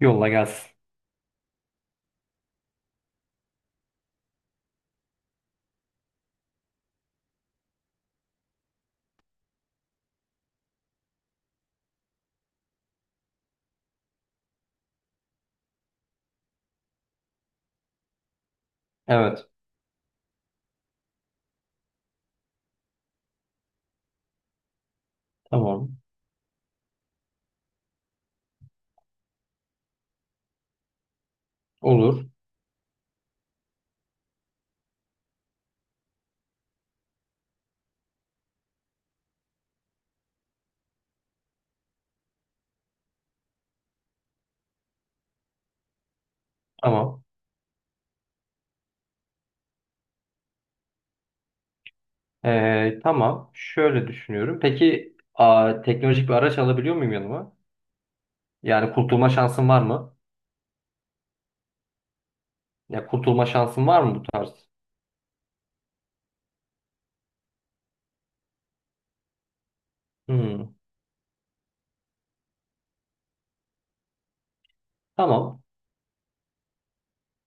Yolla gelsin. Evet. Tamam. Olur. Tamam. Tamam. Şöyle düşünüyorum. Peki teknolojik bir araç alabiliyor muyum yanıma? Yani kurtulma şansım var mı? Ya kurtulma şansım var mı bu tarz? Hmm. Tamam.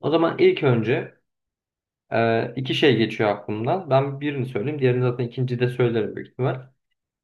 O zaman ilk önce iki şey geçiyor aklımdan. Ben birini söyleyeyim. Diğerini zaten ikinci de söylerim büyük ihtimal.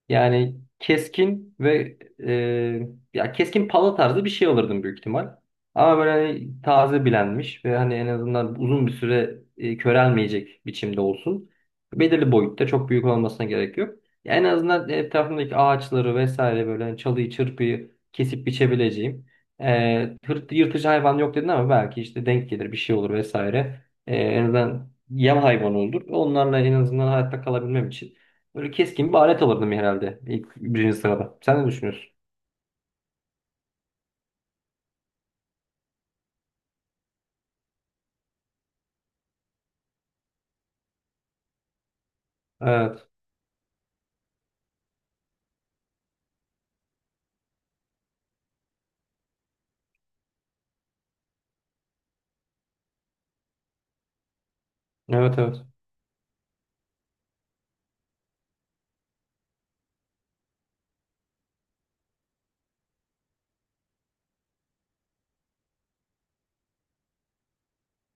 Yani keskin ve e, ya keskin pala tarzı bir şey alırdım büyük ihtimal. Ama böyle hani taze bilenmiş ve hani en azından uzun bir süre körelmeyecek biçimde olsun. Belirli boyutta çok büyük olmasına gerek yok. Ya en azından etrafımdaki ağaçları vesaire böyle hani çalıyı çırpıyı kesip biçebileceğim. E, Yırtıcı hayvan yok dedin ama belki işte denk gelir bir şey olur vesaire. E, en azından yem hayvanı olur. Onlarla en azından hayatta kalabilmem için. Böyle keskin bir alet alırdım herhalde ilk birinci sırada. Sen ne düşünüyorsun? Evet. Evet evet.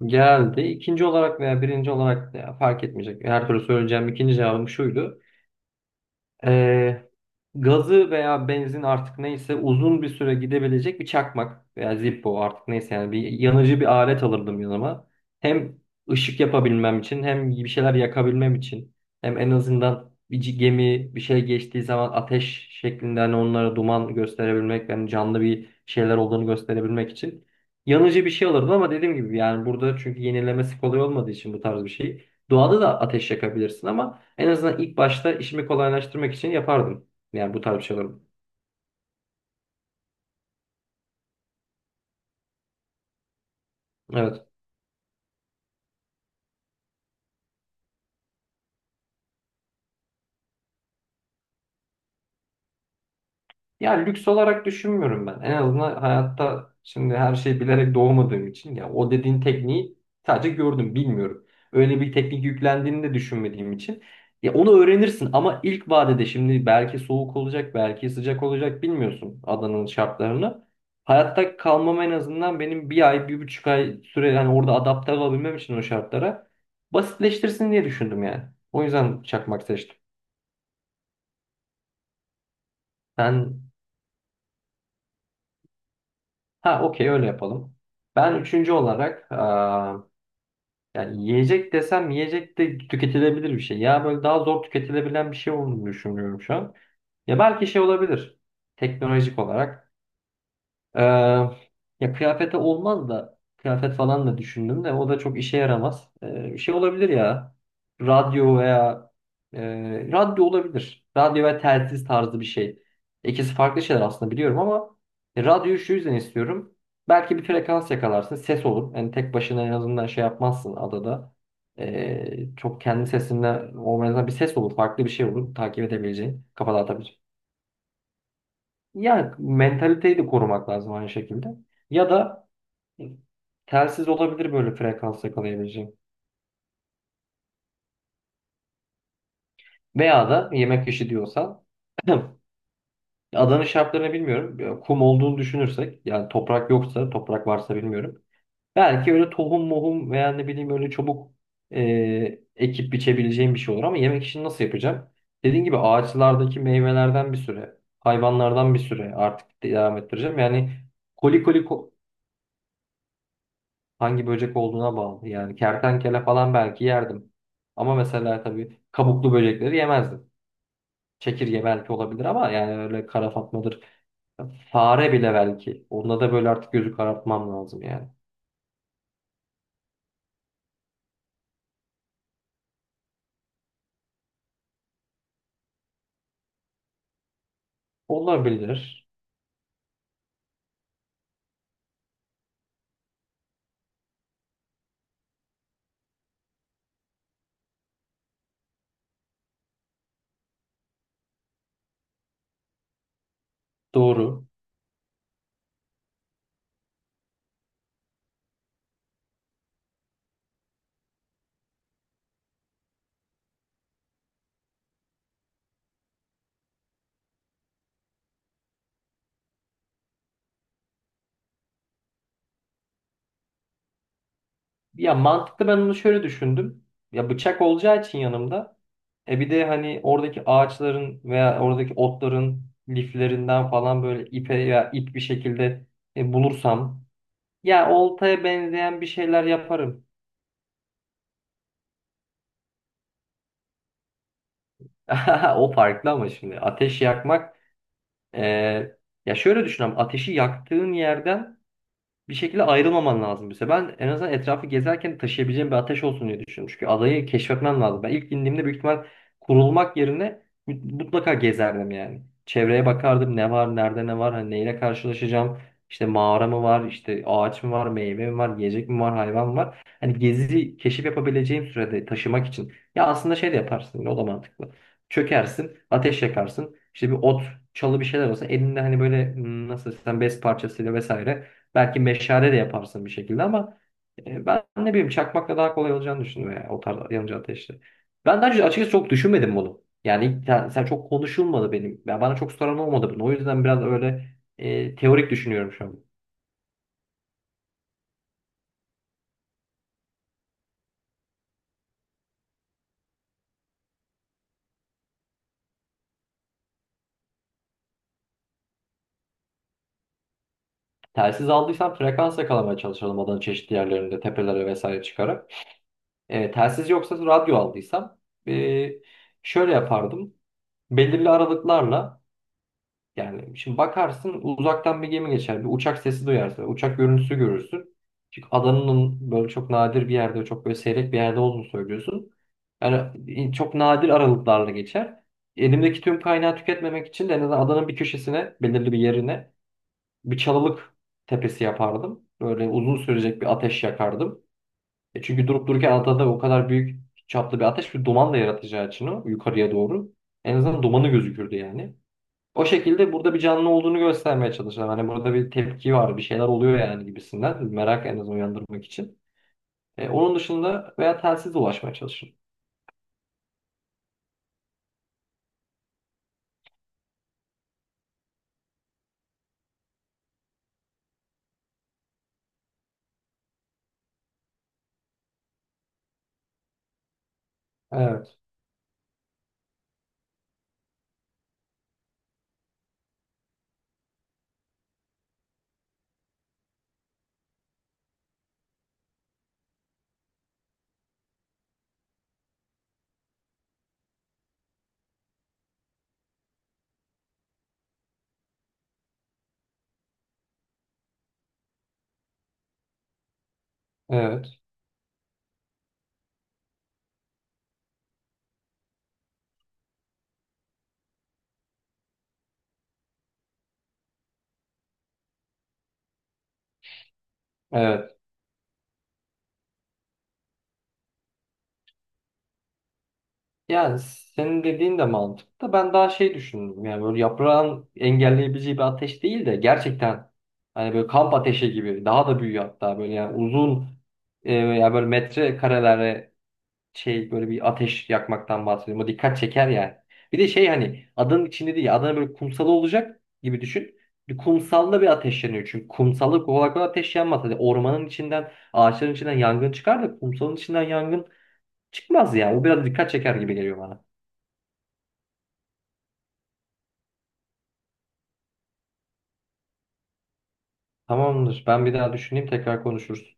Geldi. İkinci olarak veya birinci olarak da ya fark etmeyecek. Her türlü söyleyeceğim ikinci cevabım şuydu. Ee, Gazı veya benzin artık neyse uzun bir süre gidebilecek bir çakmak veya Zippo artık neyse yani bir yanıcı bir alet alırdım yanıma. Hem ışık yapabilmem için hem bir şeyler yakabilmem için hem en azından gemi bir şey geçtiği zaman ateş şeklinde hani onlara duman gösterebilmek yani canlı bir şeyler olduğunu gösterebilmek için yanıcı bir şey alırdım ama dediğim gibi yani burada çünkü yenilemesi kolay olmadığı için bu tarz bir şey. Doğada da ateş yakabilirsin ama en azından ilk başta işimi kolaylaştırmak için yapardım. Yani bu tarz şeyler. Evet. Ya lüks olarak düşünmüyorum ben. En azından hayatta şimdi her şeyi bilerek doğmadığım için ya o dediğin tekniği sadece gördüm, bilmiyorum. Öyle bir teknik yüklendiğini de düşünmediğim için ya onu öğrenirsin ama ilk vadede şimdi belki soğuk olacak, belki sıcak olacak bilmiyorsun adanın şartlarını. Hayatta kalmam en azından benim bir ay, bir buçuk ay süre yani orada adapte olabilmem için o şartlara basitleştirsin diye düşündüm yani. O yüzden çakmak seçtim. Sen, ha, okey, öyle yapalım. Ben üçüncü olarak yani yiyecek desem yiyecek de tüketilebilir bir şey. Ya böyle daha zor tüketilebilen bir şey olduğunu düşünüyorum şu an. Ya belki şey olabilir. Teknolojik olarak. Ee, Ya kıyafete olmaz da kıyafet falan da düşündüm de o da çok işe yaramaz. Bir şey olabilir ya. Radyo veya radyo olabilir. Radyo ve telsiz tarzı bir şey. İkisi farklı şeyler aslında biliyorum ama radyoyu şu yüzden istiyorum. Belki bir frekans yakalarsın. Ses olur. Yani tek başına en azından şey yapmazsın adada. Çok kendi sesinle olmanızdan bir ses olur. Farklı bir şey olur. Takip edebileceğin. Kafa dağıtabilir. Ya mentaliteyi de korumak lazım aynı şekilde. Ya da telsiz olabilir böyle frekans yakalayabileceğim. Veya da yemek işi diyorsan adanın şartlarını bilmiyorum. Ya kum olduğunu düşünürsek yani toprak yoksa toprak varsa bilmiyorum. Belki öyle tohum mohum veya ne bileyim öyle çabuk ekip biçebileceğim bir şey olur ama yemek işini nasıl yapacağım? Dediğim gibi ağaçlardaki meyvelerden bir süre, hayvanlardan bir süre artık devam ettireceğim. Yani koli koli hangi böcek olduğuna bağlı. Yani kertenkele falan belki yerdim. Ama mesela tabii kabuklu böcekleri yemezdim. Çekirge belki olabilir ama yani öyle kara fatmadır. Fare bile belki. Onda da böyle artık gözü karartmam lazım yani. Olabilir. Doğru. Ya mantıklı, ben onu şöyle düşündüm. Ya bıçak olacağı için yanımda. E bir de hani oradaki ağaçların veya oradaki otların liflerinden falan böyle ipe veya ip bir şekilde bulursam ya oltaya benzeyen bir şeyler yaparım. O farklı ama şimdi ateş yakmak, e, ya şöyle düşünelim, ateşi yaktığın yerden bir şekilde ayrılmaman lazım bize. Ben en azından etrafı gezerken taşıyabileceğim bir ateş olsun diye düşünüyorum. Çünkü adayı keşfetmem lazım. Ben ilk indiğimde büyük ihtimal kurulmak yerine mutlaka gezerdim yani. Çevreye bakardım ne var, nerede ne var, hani neyle karşılaşacağım. İşte mağara mı var, işte ağaç mı var, meyve mi var, yiyecek mi var, hayvan mı var. Hani gezi, keşif yapabileceğim sürede taşımak için. Ya aslında şey de yaparsın, o da mantıklı. Çökersin, ateş yakarsın. İşte bir ot, çalı bir şeyler olsa elinde hani böyle hmm, nasıl desem bez parçasıyla vesaire. Belki meşale de yaparsın bir şekilde ama ben ne bileyim çakmakla daha kolay olacağını düşündüm yani o tarz yanıcı ateşte. Ben daha önce açıkçası çok düşünmedim bunu. Yani sen çok konuşulmadı benim. Ya bana çok soran olmadı bunu. O yüzden biraz öyle teorik düşünüyorum şu an. Telsiz aldıysam frekans yakalamaya çalışalım adanın çeşitli yerlerinde tepelere vesaire çıkarak. E, telsiz yoksa radyo aldıysam e, şöyle yapardım. Belirli aralıklarla yani şimdi bakarsın uzaktan bir gemi geçer. Bir uçak sesi duyarsın. Uçak görüntüsü görürsün. Çünkü adanın böyle çok nadir bir yerde, çok böyle seyrek bir yerde olduğunu söylüyorsun. Yani çok nadir aralıklarla geçer. Elimdeki tüm kaynağı tüketmemek için de en azından adanın bir köşesine, belirli bir yerine bir çalılık tepesi yapardım. Böyle uzun sürecek bir ateş yakardım. E çünkü durup dururken adada o kadar büyük çaplı bir ateş bir duman da yaratacağı için o yukarıya doğru. En azından dumanı gözükürdü yani. O şekilde burada bir canlı olduğunu göstermeye çalışan hani burada bir tepki var bir şeyler oluyor yani gibisinden merak en azından uyandırmak için. E, onun dışında veya telsiz ulaşmaya çalışın. Evet, evet, evet. Yani senin dediğin de mantıklı. Ben daha şey düşündüm yani böyle yaprağın engelleyebileceği bir ateş değil de gerçekten hani böyle kamp ateşi gibi daha da büyüyor hatta böyle yani uzun ya böyle metre şey böyle bir ateş yakmaktan bahsediyorum. O dikkat çeker yani. Bir de şey hani adanın içinde değil adanın böyle kumsalı olacak gibi düşün. Bir kumsalda bir ateş yanıyor çünkü kumsalda kolay kolay ateş yanmaz. Hani ormanın içinden ağaçların içinden yangın çıkar da kumsalın içinden yangın çıkmaz ya. O biraz dikkat çeker gibi geliyor bana. Tamamdır. Ben bir daha düşüneyim tekrar konuşuruz.